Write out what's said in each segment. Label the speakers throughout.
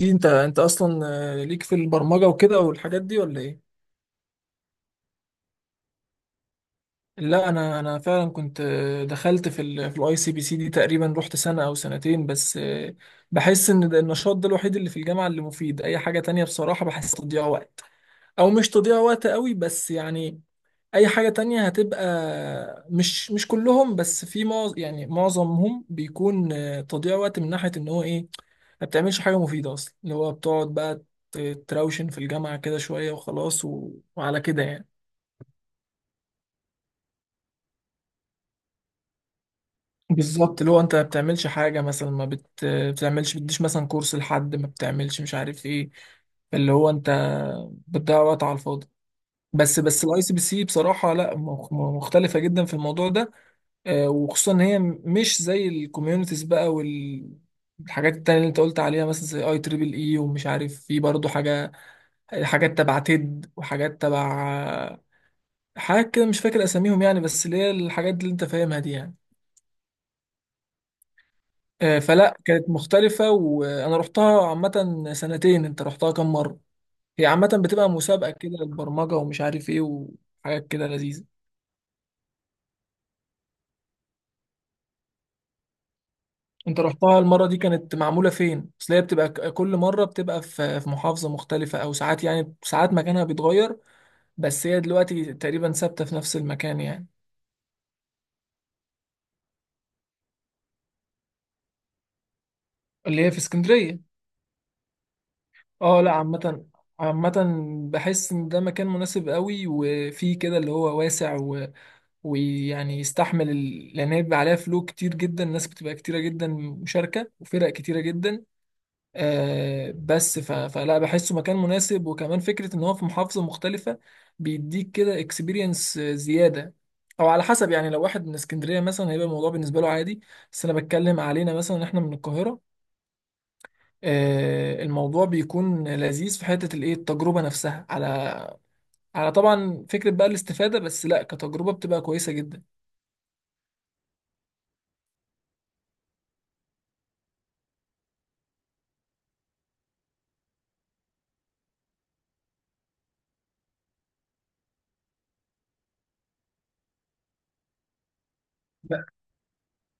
Speaker 1: إيه، انت اصلا ليك في البرمجه وكده والحاجات دي ولا ايه؟ لا، انا فعلا كنت دخلت في الاي سي بي سي دي، تقريبا رحت سنه او سنتين. بس بحس ان ده النشاط ده الوحيد اللي في الجامعه اللي مفيد، اي حاجه تانية بصراحه بحس تضييع وقت، او مش تضييع وقت قوي بس يعني اي حاجة تانية هتبقى مش كلهم، بس في يعني معظمهم بيكون تضييع وقت من ناحية ان هو ايه، ما بتعملش حاجة مفيدة اصلا، اللي هو بتقعد بقى تراوشن في الجامعة كده شوية وخلاص و... وعلى كده يعني. بالظبط، اللي هو انت ما بتعملش حاجة، مثلا ما بتعملش، بتديش مثلا كورس، لحد ما بتعملش مش عارف ايه، اللي هو انت بتضيع وقت على الفاضي. بس الاي سي بي سي بصراحة لا مختلفة جدا في الموضوع ده، وخصوصا ان هي مش زي الكوميونيتيز بقى والحاجات التانية اللي انت قلت عليها، مثلا زي اي تريبل اي، ومش عارف في برضه حاجة، حاجات تبع تيد وحاجات تبع آه، حاجات كده مش فاكر اساميهم يعني، بس اللي هي الحاجات اللي انت فاهمها دي يعني. فلا كانت مختلفة، وانا رحتها عامة سنتين. انت رحتها كام مرة؟ هي عامة بتبقى مسابقة كده للبرمجة، ومش عارف ايه، وحاجات كده لذيذة. انت رحتها المرة دي كانت معمولة فين؟ اصل هي بتبقى كل مرة بتبقى في محافظة مختلفة، او ساعات يعني ساعات مكانها بيتغير، بس هي دلوقتي تقريبا ثابتة في نفس المكان يعني. اللي هي في اسكندرية. اه، لا عامة، عامة بحس ان ده مكان مناسب قوي، وفيه كده اللي هو واسع ويعني يستحمل لان هي بيبقى عليها فلو كتير جدا، ناس بتبقى كتيرة جدا، مشاركة، وفرق كتيرة جدا. بس فلا بحسه مكان مناسب، وكمان فكرة ان هو في محافظة مختلفة بيديك كده اكسبيرينس زيادة. او على حسب يعني، لو واحد من اسكندرية مثلا هيبقى الموضوع بالنسبة له عادي، بس انا بتكلم علينا مثلا احنا من القاهرة، الموضوع بيكون لذيذ في حتة الايه التجربة نفسها، على طبعا فكرة بقى الاستفادة، بس لا كتجربة بتبقى كويسة جدا.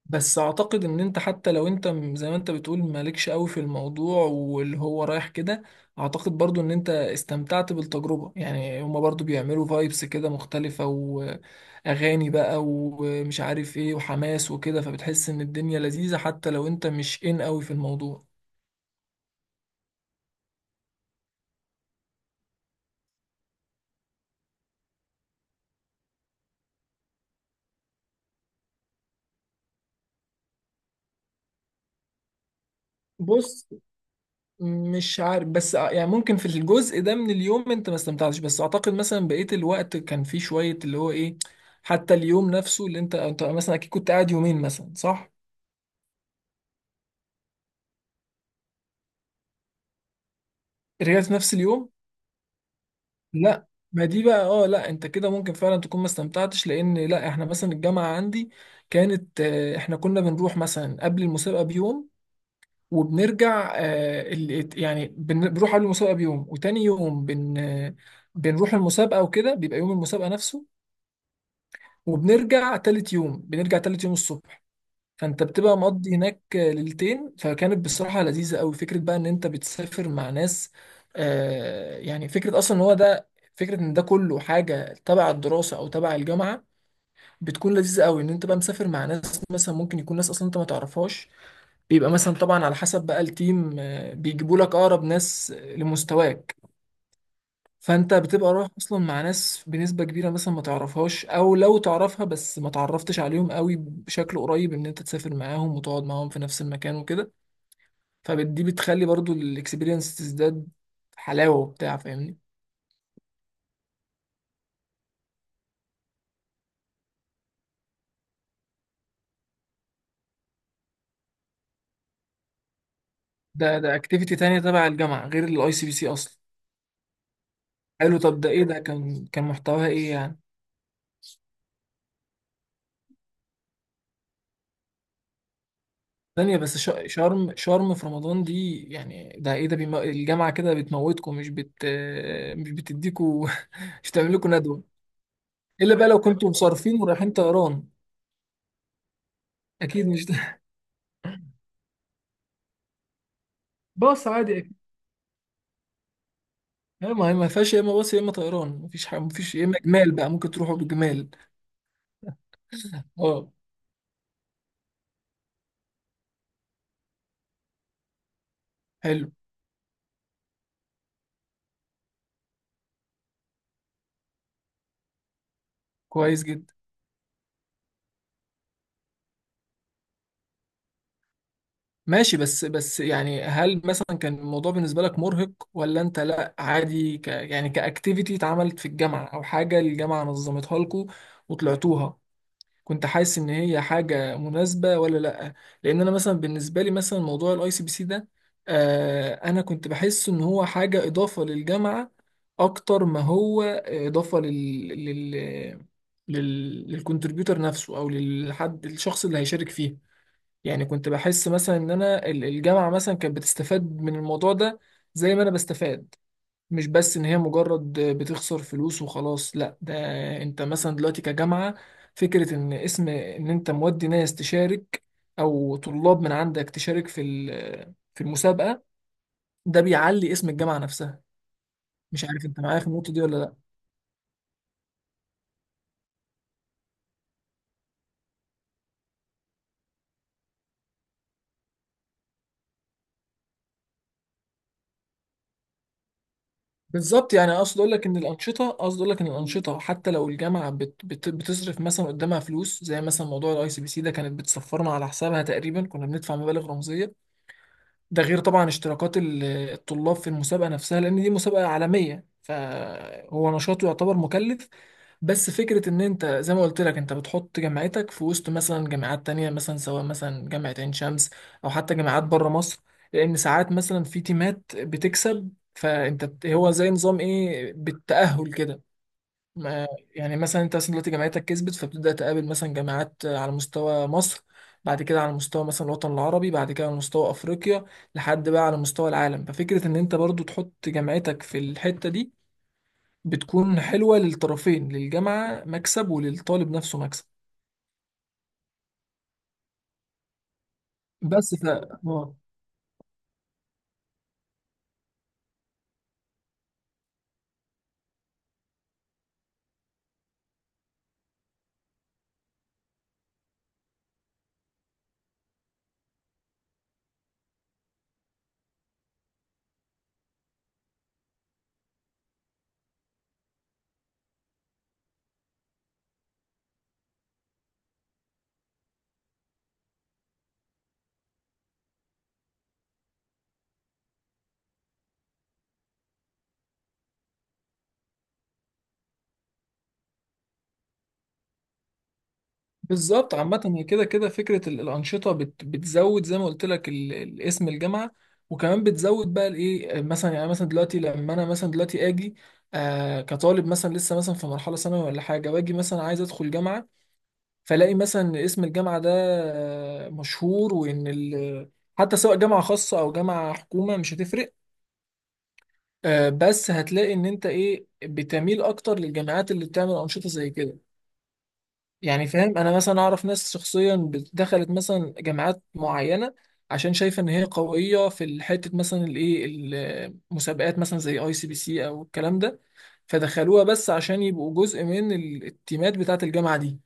Speaker 1: بس اعتقد ان انت حتى لو انت زي ما انت بتقول مالكش قوي في الموضوع واللي هو رايح كده، اعتقد برضو ان انت استمتعت بالتجربة. يعني هما برضو بيعملوا فايبس كده مختلفة، واغاني بقى ومش عارف ايه وحماس وكده، فبتحس ان الدنيا لذيذة حتى لو انت مش ان قوي في الموضوع. بص، مش عارف، بس يعني ممكن في الجزء ده من اليوم انت ما استمتعتش، بس اعتقد مثلا بقية الوقت كان فيه شوية اللي هو ايه، حتى اليوم نفسه اللي انت مثلا اكيد كنت قاعد يومين مثلا، صح؟ رجعت في نفس اليوم؟ لا، ما دي بقى، اه، لا انت كده ممكن فعلا تكون ما استمتعتش، لان لا احنا مثلا الجامعة عندي كانت احنا كنا بنروح مثلا قبل المسابقة بيوم، وبنرجع يعني بنروح قبل المسابقة بيوم، وتاني يوم بن آه، بنروح المسابقة وكده، بيبقى يوم المسابقة نفسه، وبنرجع تالت يوم، بنرجع تالت يوم الصبح. فانت بتبقى مقضي هناك ليلتين، فكانت بصراحة لذيذة قوي فكرة بقى ان انت بتسافر مع ناس. يعني فكرة اصلا ان هو ده، فكرة ان ده كله حاجة تبع الدراسة او تبع الجامعة، بتكون لذيذة قوي، ان انت بقى مسافر مع ناس، مثلا ممكن يكون ناس اصلا انت ما تعرفهاش. بيبقى مثلا طبعا على حسب بقى التيم، بيجيبوا لك اقرب ناس لمستواك. فانت بتبقى رايح اصلا مع ناس بنسبه كبيره مثلا ما تعرفهاش، او لو تعرفها بس ما تعرفتش عليهم قوي بشكل قريب، ان انت تسافر معاهم وتقعد معاهم في نفس المكان وكده. فدي بتخلي برضو الاكسبيرينس تزداد حلاوه وبتاع، فاهمني؟ ده اكتيفيتي تانية تبع الجامعه غير الاي سي بي سي اصلا؟ حلو، طب ده ايه، ده كان محتواها ايه يعني؟ ثانية بس، شرم شرم في رمضان دي يعني، ده ايه ده الجامعة كده بتموتكم، مش بتديكوا مش بتعمل لكم ندوة؟ الا بقى لو كنتوا مصرفين ورايحين طيران. اكيد مش ده. باص عادي أكيد. لا، ما هي ما فيهاش يا اما باص يا اما طيران، مفيش حاجه مفيش، يا اما جمال بقى ممكن تروحوا بجمال. اه، حلو، كويس جدا. ماشي، بس يعني هل مثلا كان الموضوع بالنسبه لك مرهق، ولا انت لا عادي، يعني كاكتيفيتي اتعملت في الجامعه او حاجه الجامعه نظمتها لكم وطلعتوها، كنت حاسس ان هي حاجه مناسبه ولا لا؟ لان انا مثلا بالنسبه لي، مثلا موضوع الاي سي بي سي ده، انا كنت بحس ان هو حاجه اضافه للجامعه، اكتر ما هو اضافه لل لل لل للكمبيوتر نفسه، او للحد الشخص اللي هيشارك فيه. يعني كنت بحس مثلا ان انا الجامعه مثلا كانت بتستفاد من الموضوع ده، زي ما انا بستفاد، مش بس ان هي مجرد بتخسر فلوس وخلاص. لا، ده انت مثلا دلوقتي كجامعة، فكرة ان اسم، ان انت مودي ناس تشارك، او طلاب من عندك تشارك في المسابقة، ده بيعلي اسم الجامعة نفسها. مش عارف انت معايا في النقطة دي ولا لا؟ بالظبط، يعني اقصد اقول لك ان الأنشطة حتى لو الجامعة بت بت بتصرف مثلا قدامها فلوس، زي مثلا موضوع الاي سي بي سي ده، كانت بتسفرنا على حسابها، تقريبا كنا بندفع مبالغ رمزية. ده غير طبعا اشتراكات الطلاب في المسابقة نفسها، لأن دي مسابقة عالمية فهو نشاطه يعتبر مكلف. بس فكرة إن أنت، زي ما قلت لك، أنت بتحط جامعتك في وسط مثلا جامعات تانية، مثلا سواء مثلا جامعة عين شمس، أو حتى جامعات بره مصر، لأن ساعات مثلا في تيمات بتكسب. فأنت هو زي نظام إيه بالتأهل كده ما. يعني مثلا انت مثلا دلوقتي جامعتك كسبت، فبتبدأ تقابل مثلا جامعات على مستوى مصر، بعد كده على مستوى مثلا الوطن العربي، بعد كده على مستوى افريقيا، لحد بقى على مستوى العالم. ففكرة ان انت برضو تحط جامعتك في الحتة دي بتكون حلوة للطرفين، للجامعة مكسب وللطالب نفسه مكسب. بس بالظبط، عامة هي كده كده فكرة الأنشطة بتزود، زي ما قلت لك، اسم الجامعة، وكمان بتزود بقى الإيه، مثلا يعني مثلا دلوقتي لما أنا مثلا دلوقتي آجي كطالب، مثلا لسه مثلا في مرحلة ثانوي ولا حاجة، وآجي مثلا عايز أدخل جامعة، فلاقي مثلا إن اسم الجامعة ده مشهور، وإن حتى سواء جامعة خاصة أو جامعة حكومة مش هتفرق. بس هتلاقي إن أنت إيه بتميل أكتر للجامعات اللي بتعمل أنشطة زي كده. يعني فاهم؟ انا مثلا اعرف ناس شخصيا دخلت مثلا جامعات معينه، عشان شايفه ان هي قويه في الحته مثلا الايه، المسابقات، مثلا زي اي سي بي سي او الكلام ده، فدخلوها بس عشان يبقوا جزء من التيمات بتاعه الجامعه دي.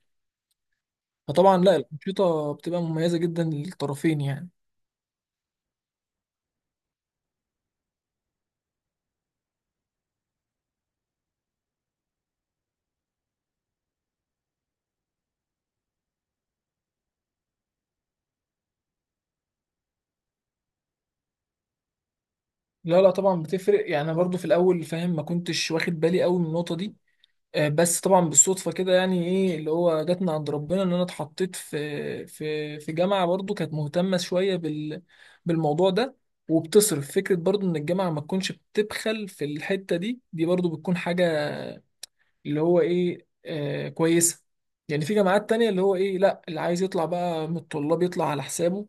Speaker 1: فطبعا لا، الانشطه بتبقى مميزه جدا للطرفين يعني. لا، لا، طبعا بتفرق. يعني أنا برضو في الاول فاهم ما كنتش واخد بالي قوي من النقطه دي، بس طبعا بالصدفه كده، يعني ايه اللي هو جت من عند ربنا، ان انا اتحطيت في جامعه برضو كانت مهتمه شويه بالموضوع ده، وبتصرف فكره برضو ان الجامعه ما تكونش بتبخل في الحته دي، دي برضو بتكون حاجه اللي هو ايه كويسه. يعني في جامعات تانية اللي هو ايه، لا اللي عايز يطلع بقى من الطلاب يطلع على حسابه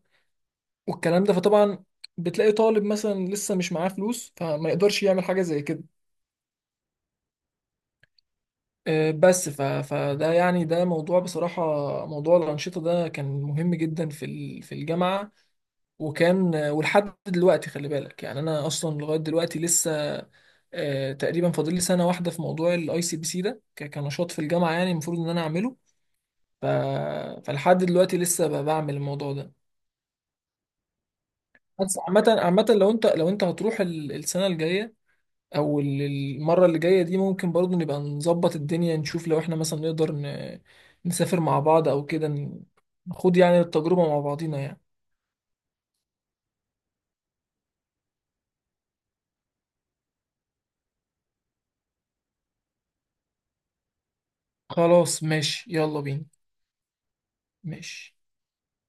Speaker 1: والكلام ده. فطبعا بتلاقي طالب مثلا لسه مش معاه فلوس، فما يقدرش يعمل حاجه زي كده. بس فده يعني، ده موضوع بصراحة، موضوع الأنشطة ده كان مهم جدا في الجامعة، وكان ولحد دلوقتي خلي بالك، يعني أنا أصلا لغاية دلوقتي لسه تقريبا فاضل لي سنة واحدة في موضوع الأي سي بي سي ده كنشاط في الجامعة، يعني المفروض إن أنا أعمله. ف... فلحد دلوقتي لسه بعمل الموضوع ده. بس عامة عامة لو أنت هتروح السنة الجاية، او المره اللي جايه دي، ممكن برضو نبقى نظبط الدنيا، نشوف لو احنا مثلا نقدر نسافر مع بعض، او كده نخوض يعني التجربه مع بعضينا يعني. خلاص ماشي، يلا بينا. ماشي.